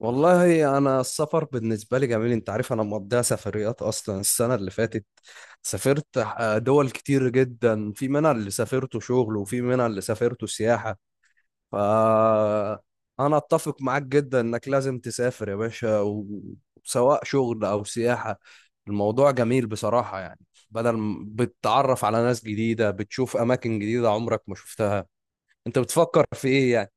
والله انا السفر بالنسبه لي جميل. انت عارف انا مقضيها سفريات اصلا. السنه اللي فاتت سافرت دول كتير جدا، في منها اللي سافرته شغل وفي منها اللي سافرته سياحه. ف انا اتفق معاك جدا انك لازم تسافر يا باشا، سواء شغل او سياحه. الموضوع جميل بصراحه، بدل ما بتتعرف على ناس جديده بتشوف اماكن جديده عمرك ما شفتها. انت بتفكر في ايه يعني؟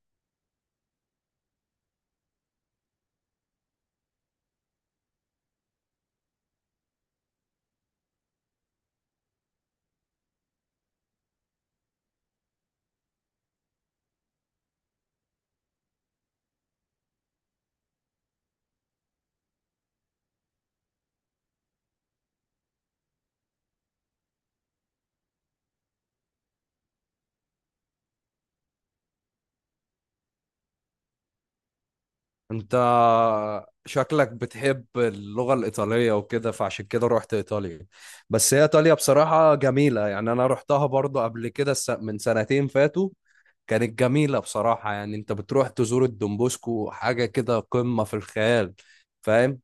انت شكلك بتحب اللغة الإيطالية وكده، فعشان كده رحت إيطاليا. بس هي إيطاليا بصراحة جميلة، يعني أنا رحتها برضو قبل كده من سنتين فاتوا. كانت جميلة بصراحة. يعني انت بتروح تزور الدومبوسكو، حاجة كده قمة في الخيال، فاهم؟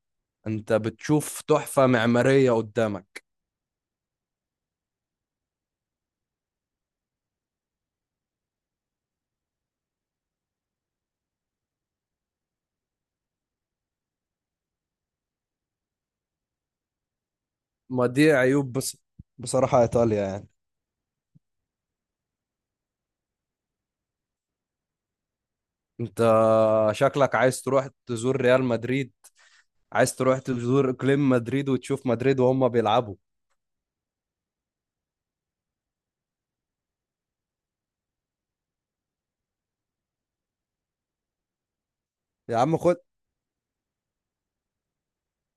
انت بتشوف تحفة معمارية قدامك. ما دي عيوب بس، بصراحة إيطاليا يعني. انت شكلك عايز تروح تزور ريال مدريد، عايز تروح تزور اقليم مدريد وتشوف مدريد وهم بيلعبوا. يا عم خد،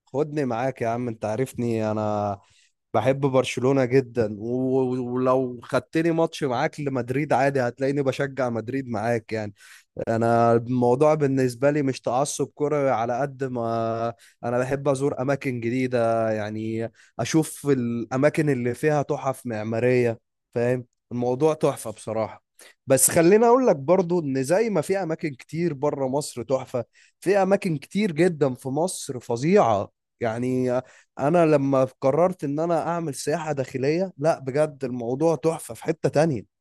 خدني معاك يا عم. انت عارفني انا بحب برشلونة جدا، ولو خدتني ماتش معاك لمدريد عادي، هتلاقيني بشجع مدريد معاك يعني. انا الموضوع بالنسبه لي مش تعصب كروي، على قد ما انا بحب ازور اماكن جديده يعني، اشوف الاماكن اللي فيها تحف معماريه، فاهم؟ الموضوع تحفه بصراحه. بس خليني اقول لك برضو ان زي ما في اماكن كتير بره مصر تحفه، في اماكن كتير جدا في مصر فظيعه. يعني انا لما قررت ان انا اعمل سياحه داخليه، لا بجد الموضوع تحفه في حته تانية.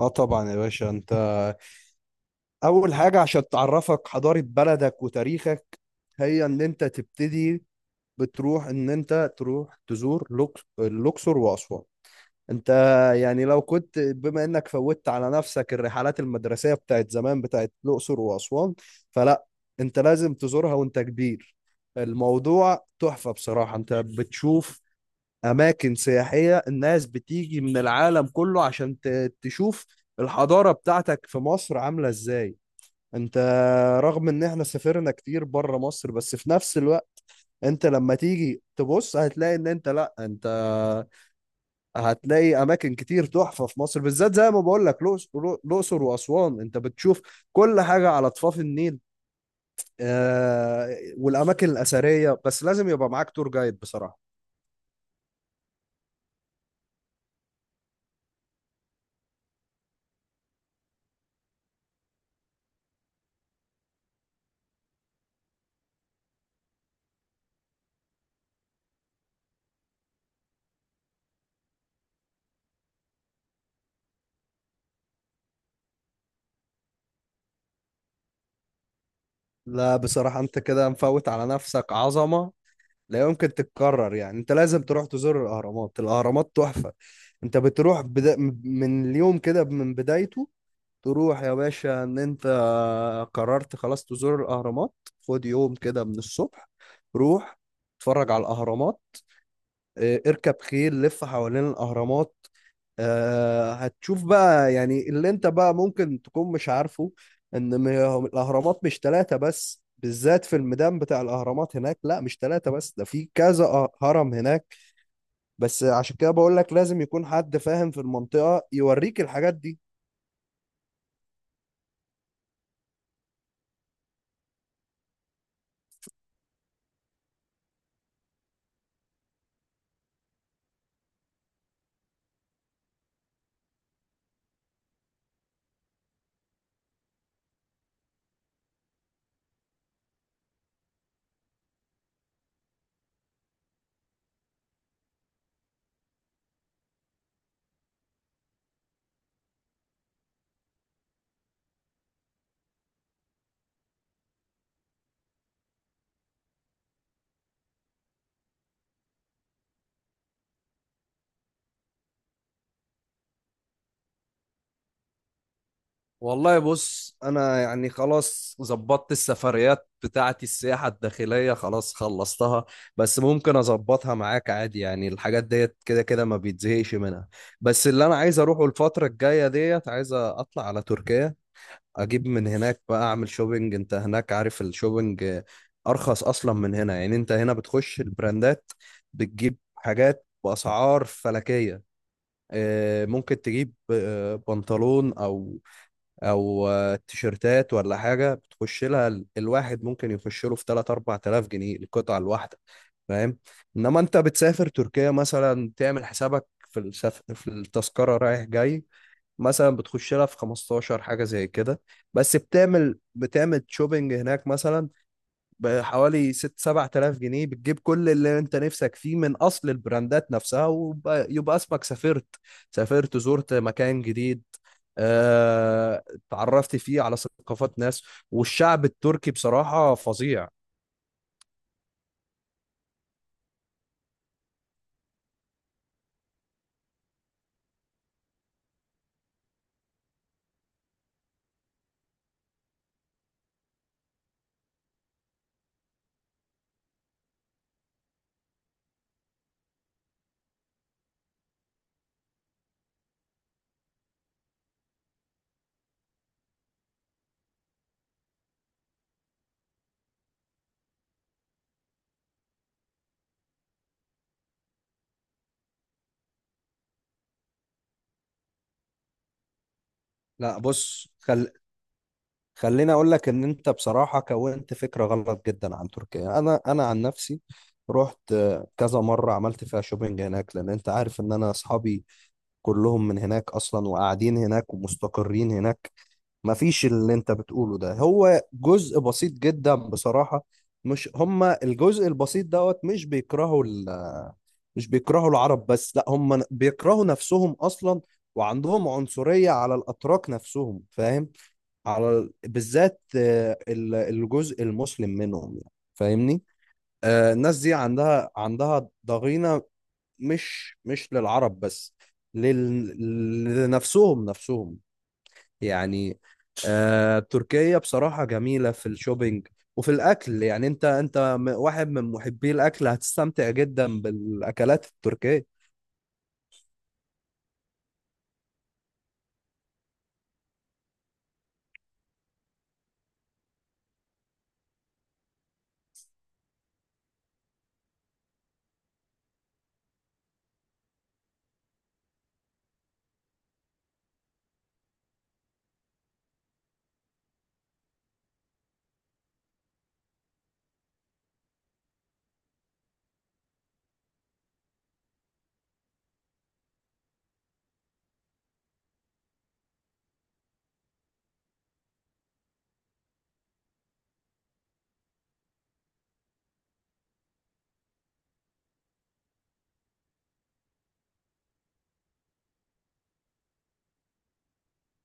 اه طبعا يا باشا. انت اول حاجة عشان تعرفك حضارة بلدك وتاريخك، هي ان انت تبتدي بتروح ان انت تروح تزور الاقصر واسوان. انت يعني لو كنت، بما انك فوتت على نفسك الرحلات المدرسية بتاعت زمان بتاعت الاقصر واسوان، فلا، انت لازم تزورها وانت كبير. الموضوع تحفة بصراحة. انت بتشوف اماكن سياحية الناس بتيجي من العالم كله عشان تشوف الحضارة بتاعتك في مصر عاملة ازاي. انت رغم ان احنا سافرنا كتير بره مصر، بس في نفس الوقت انت لما تيجي تبص هتلاقي ان انت، لا انت هتلاقي اماكن كتير تحفة في مصر، بالذات زي ما بقول لك الاقصر واسوان. انت بتشوف كل حاجة على ضفاف النيل والاماكن الاثرية، بس لازم يبقى معاك تور جايد بصراحة. لا بصراحة انت كده مفوت على نفسك عظمة لا يمكن تتكرر. يعني انت لازم تروح تزور الاهرامات. الاهرامات تحفة. انت بتروح من اليوم كده من بدايته. تروح يا باشا ان انت قررت خلاص تزور الاهرامات. خد يوم كده من الصبح، روح اتفرج على الاهرامات. اه، اركب خيل لف حوالين الاهرامات. هتشوف بقى يعني اللي انت بقى ممكن تكون مش عارفه، ان الاهرامات مش ثلاثة بس. بالذات في الميدان بتاع الاهرامات هناك، لا مش ثلاثة بس، ده في كذا هرم هناك. بس عشان كده بقول لك لازم يكون حد فاهم في المنطقة يوريك الحاجات دي. والله بص انا يعني خلاص ظبطت السفريات بتاعتي. السياحة الداخلية خلاص خلصتها، بس ممكن اظبطها معاك عادي يعني، الحاجات ديت كده كده ما بيتزهقش منها. بس اللي انا عايز اروحه الفترة الجاية ديت، عايز اطلع على تركيا اجيب من هناك، بقى اعمل شوبينج. انت هناك عارف الشوبينج ارخص اصلا من هنا. يعني انت هنا بتخش البراندات بتجيب حاجات باسعار فلكية. ممكن تجيب بنطلون او تيشيرتات ولا حاجه، بتخش لها الواحد ممكن يخش له في 3 4000 جنيه القطعه الواحده، فاهم؟ انما انت بتسافر تركيا مثلا، تعمل حسابك في في التذكره رايح جاي مثلا، بتخش لها في 15 حاجه زي كده. بس بتعمل شوبينج هناك مثلا بحوالي 6 7000 جنيه، بتجيب كل اللي انت نفسك فيه من اصل البراندات نفسها، ويبقى اسمك سافرت، سافرت زرت مكان جديد، آه، اتعرفت فيه على ثقافات ناس. والشعب التركي بصراحة فظيع. لا بص خل... خليني اقول لك ان انت بصراحة كونت فكرة غلط جدا عن تركيا. انا عن نفسي رحت كذا مرة، عملت فيها شوبينج هناك، لان انت عارف ان انا اصحابي كلهم من هناك اصلا وقاعدين هناك ومستقرين هناك. مفيش اللي انت بتقوله ده، هو جزء بسيط جدا بصراحة. مش هما الجزء البسيط دوت مش مش بيكرهوا العرب بس، لا هما بيكرهوا نفسهم اصلا. وعندهم عنصرية على الاتراك نفسهم، فاهم؟ على بالذات الجزء المسلم منهم، يعني فاهمني؟ الناس دي عندها ضغينة، مش مش للعرب بس، لنفسهم نفسهم يعني. آه تركيا بصراحة جميلة في الشوبينج وفي الأكل. يعني أنت، واحد من محبي الأكل، هتستمتع جدا بالأكلات التركية.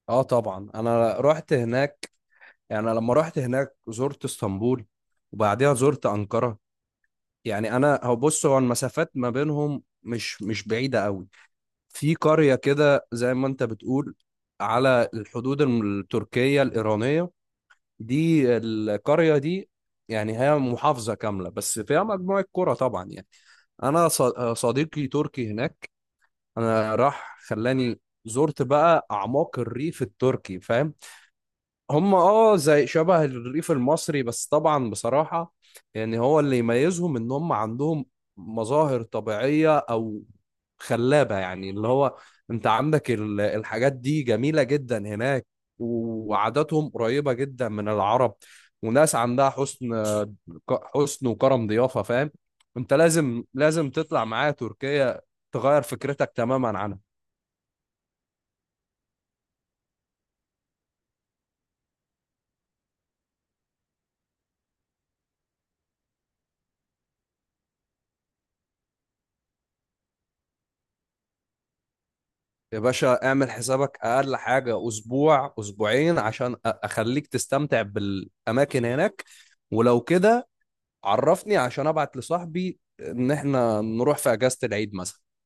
اه طبعا انا رحت هناك. يعني لما رحت هناك زرت اسطنبول وبعديها زرت انقره. يعني انا هو بص، هو المسافات ما بينهم مش مش بعيده قوي. في قريه كده، زي ما انت بتقول، على الحدود التركيه الايرانيه، دي القرية دي. يعني هي محافظة كاملة بس فيها مجموعة كرة طبعا يعني. أنا ص- صديقي تركي هناك. أنا راح خلاني زرت بقى أعماق الريف التركي، فاهم؟ هم اه زي شبه الريف المصري، بس طبعا بصراحة يعني هو اللي يميزهم ان هم عندهم مظاهر طبيعية او خلابة، يعني اللي هو انت عندك الحاجات دي جميلة جدا هناك. وعاداتهم قريبة جدا من العرب، وناس عندها حسن، وكرم ضيافة، فاهم؟ انت لازم تطلع معايا تركيا تغير فكرتك تماما عنها. يا باشا اعمل حسابك اقل حاجه اسبوع اسبوعين عشان اخليك تستمتع بالاماكن هناك. ولو كده، عرفني عشان ابعت لصاحبي ان احنا نروح في اجازه العيد مثلا.